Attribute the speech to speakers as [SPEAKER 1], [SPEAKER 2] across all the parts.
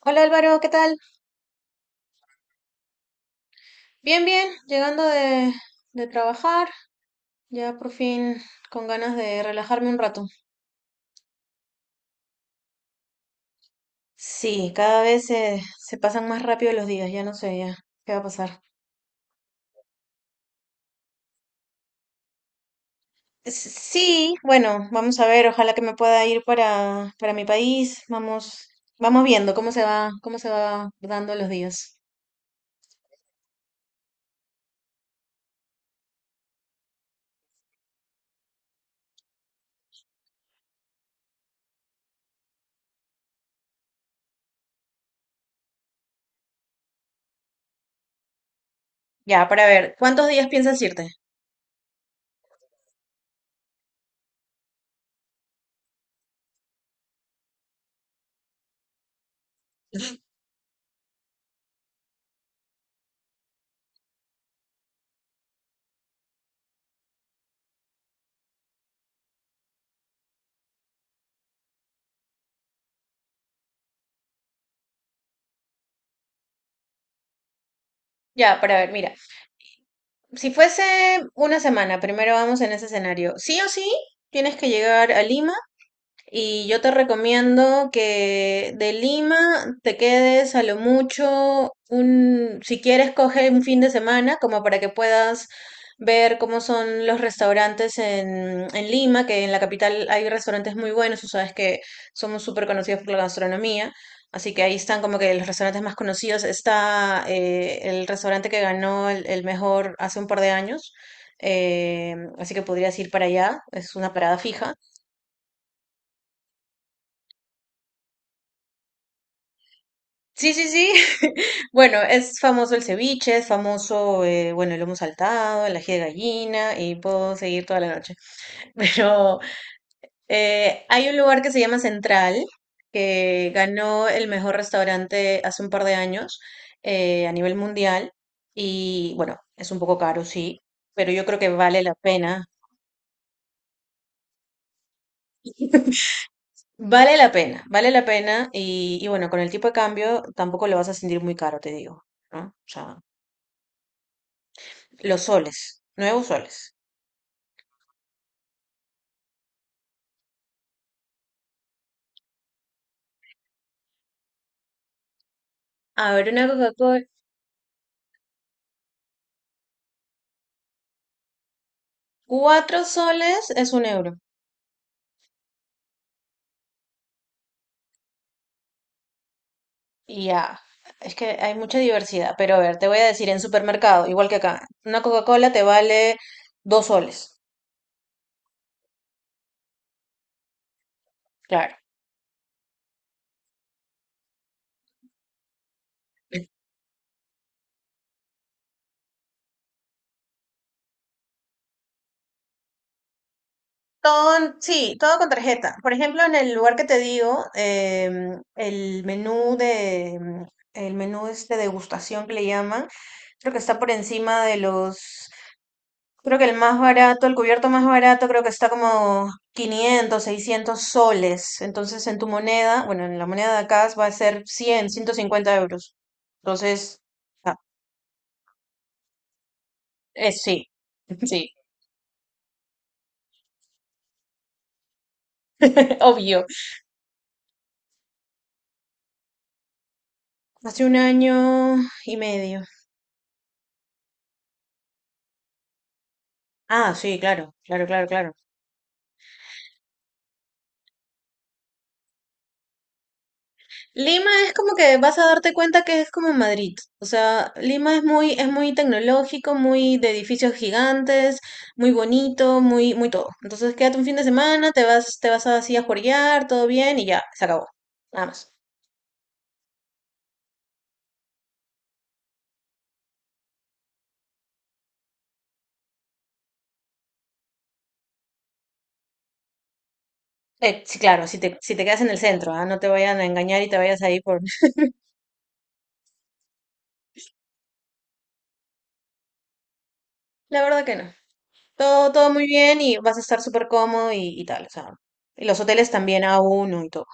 [SPEAKER 1] Hola Álvaro, ¿qué tal? Bien, bien, llegando de trabajar, ya por fin con ganas de relajarme un rato. Sí, cada vez se pasan más rápido los días, ya no sé ya qué va a pasar. Sí, bueno, vamos a ver, ojalá que me pueda ir para mi país, vamos, vamos viendo cómo se va dando los días. Ya, para ver, ¿cuántos días piensas irte? Ya, para ver, mira, si fuese una semana, primero vamos en ese escenario. Sí o sí, tienes que llegar a Lima. Y yo te recomiendo que de Lima te quedes a lo mucho un, si quieres, coge un fin de semana como para que puedas ver cómo son los restaurantes en Lima, que en la capital hay restaurantes muy buenos, tú sabes que somos súper conocidos por la gastronomía, así que ahí están como que los restaurantes más conocidos. Está el restaurante que ganó el mejor hace un par de años, así que podrías ir para allá, es una parada fija. Sí, sí, sí. Bueno, es famoso el ceviche, es famoso, bueno, el lomo saltado, el ají de gallina y puedo seguir toda la noche. Pero hay un lugar que se llama Central, que ganó el mejor restaurante hace un par de años a nivel mundial. Y bueno, es un poco caro, sí, pero yo creo que vale la pena. Vale la pena, vale la pena. Y bueno, con el tipo de cambio tampoco lo vas a sentir muy caro, te digo, ¿no? O sea, los soles, nuevos soles. A ver, una Coca-Cola. 4 soles es 1 euro. Y ya, es que hay mucha diversidad. Pero a ver, te voy a decir, en supermercado, igual que acá, una Coca-Cola te vale 2 soles. Claro. Todo, sí, todo con tarjeta. Por ejemplo, en el lugar que te digo, el menú este degustación que le llaman, creo que está por encima de los creo que el más barato, el cubierto más barato, creo que está como 500 600 soles. Entonces, en tu moneda, bueno, en la moneda de acá va a ser 100 150 euros. Entonces, ah, sí, sí, obvio. Hace un año y medio. Ah, sí, claro, claro, claro, claro. Lima es como que vas a darte cuenta que es como Madrid. O sea, Lima es muy, tecnológico, muy de edificios gigantes, muy bonito, muy, muy todo. Entonces quédate un fin de semana, te vas así a juerguear, todo bien y ya, se acabó. Nada más. Sí, claro, si te quedas en el centro, ah, no te vayan a engañar y te vayas ahí por... La verdad que no. Todo, todo muy bien y vas a estar súper cómodo y tal. O sea, y los hoteles también a uno y todo.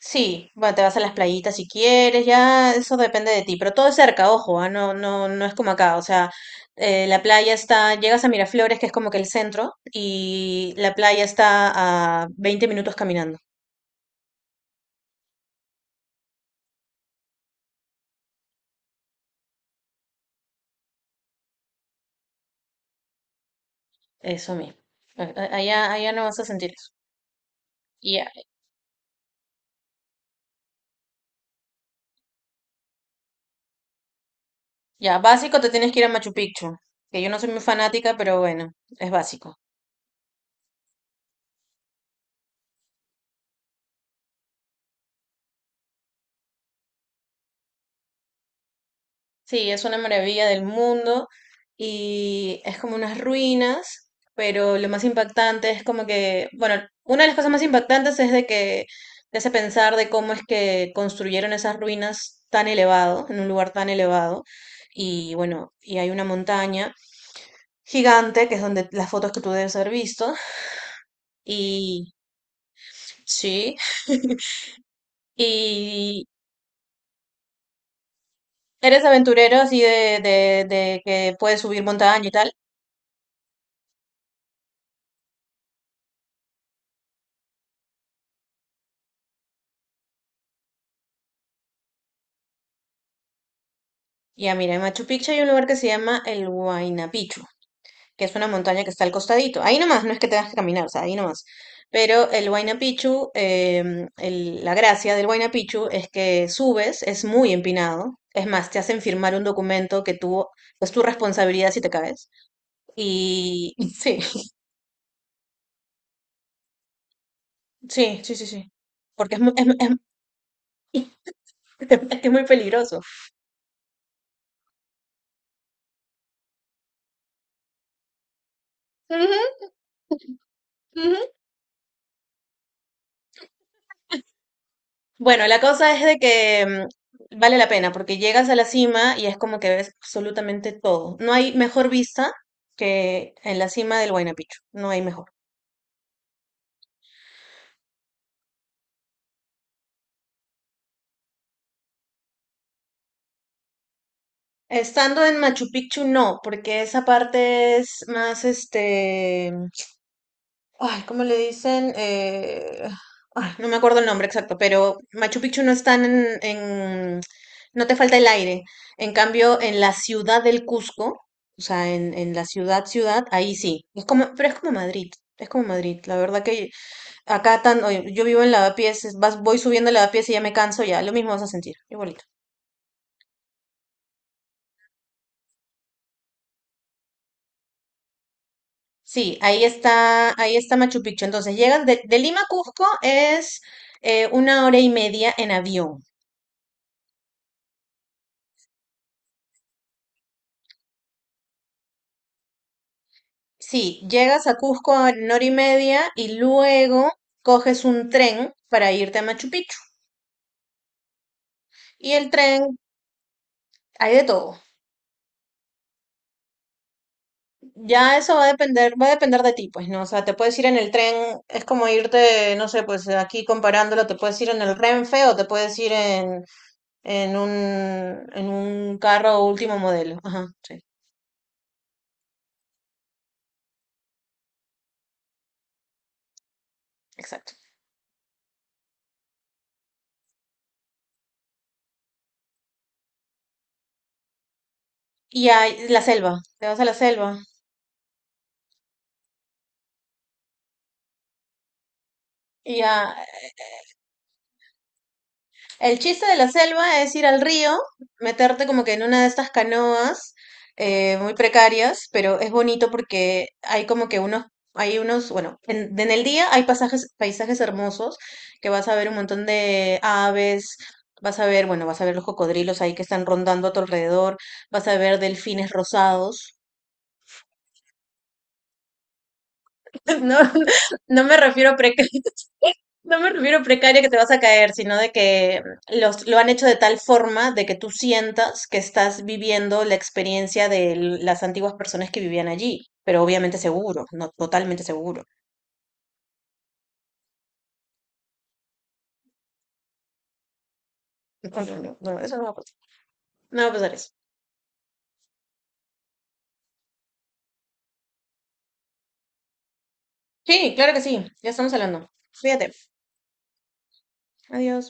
[SPEAKER 1] Sí, bueno, te vas a las playitas si quieres, ya eso depende de ti, pero todo es cerca, ojo, ah, no, no, no es como acá, o sea, la playa está, llegas a Miraflores, que es como que el centro, y la playa está a 20 minutos caminando, eso mismo. Allá, allá no vas a sentir eso. Y ya, ya, básico te tienes que ir a Machu Picchu, que yo no soy muy fanática, pero bueno, es básico. Sí, es una maravilla del mundo y es como unas ruinas, pero lo más impactante es como que, bueno, una de las cosas más impactantes es de que te hace pensar de cómo es que construyeron esas ruinas tan elevado, en un lugar tan elevado, y bueno, y hay una montaña gigante, que es donde las fotos que tú debes haber visto, y sí, y eres aventurero así de que puedes subir montaña y tal. Ya, mira, en Machu Picchu hay un lugar que se llama el Huayna Picchu, que es una montaña que está al costadito. Ahí nomás, no es que tengas que caminar, o sea, ahí nomás. Pero el Huayna Picchu, la gracia del Huayna Picchu es que subes, es muy empinado. Es más, te hacen firmar un documento que tú, es tu responsabilidad si te caes. Y sí, sí, sí, sí, sí. Porque es, mu- es- es que es muy peligroso. Ujú, ujú. Bueno, la cosa es de que vale la pena porque llegas a la cima y es como que ves absolutamente todo. No hay mejor vista que en la cima del Huayna Picchu, no hay mejor. Estando en Machu Picchu no, porque esa parte es más este. Ay, ¿cómo le dicen? Ay, no me acuerdo el nombre exacto, pero Machu Picchu no está en, en-. No te falta el aire. En cambio, en la ciudad del Cusco, o sea, en la ciudad, ciudad, ahí sí. Es como, pero es como Madrid, es como Madrid. La verdad que acá tan... oye, yo vivo en Lavapiés, voy subiendo Lavapiés y ya me canso, ya, lo mismo vas a sentir, igualito. Sí, ahí está Machu Picchu. Entonces, llegas de Lima a Cusco es una hora y media en avión. Sí, llegas a Cusco en hora y media y luego coges un tren para irte a Machu Picchu. Y el tren, hay de todo. Ya eso va a depender de ti, pues, ¿no? O sea, te puedes ir en el tren, es como irte, no sé, pues aquí comparándolo, te puedes ir en el Renfe o te puedes ir en un, en un carro último modelo. Ajá, sí, exacto. Y hay la selva, te vas a la selva. Y ya, el chiste de la selva es ir al río, meterte como que en una de estas canoas muy precarias, pero es bonito porque hay como que bueno, en el día hay pasajes, paisajes hermosos que vas a ver un montón de aves, vas a ver, bueno, vas a ver los cocodrilos ahí que están rondando a tu alrededor, vas a ver delfines rosados. No, no me refiero a precario, no me refiero a precaria que te vas a caer, sino de que lo han hecho de tal forma de que tú sientas que estás viviendo la experiencia de las antiguas personas que vivían allí, pero obviamente seguro, no totalmente seguro. No, no, no, no, eso no va a pasar. No va a pasar eso. Sí, claro que sí, ya estamos hablando. Fíjate. Adiós.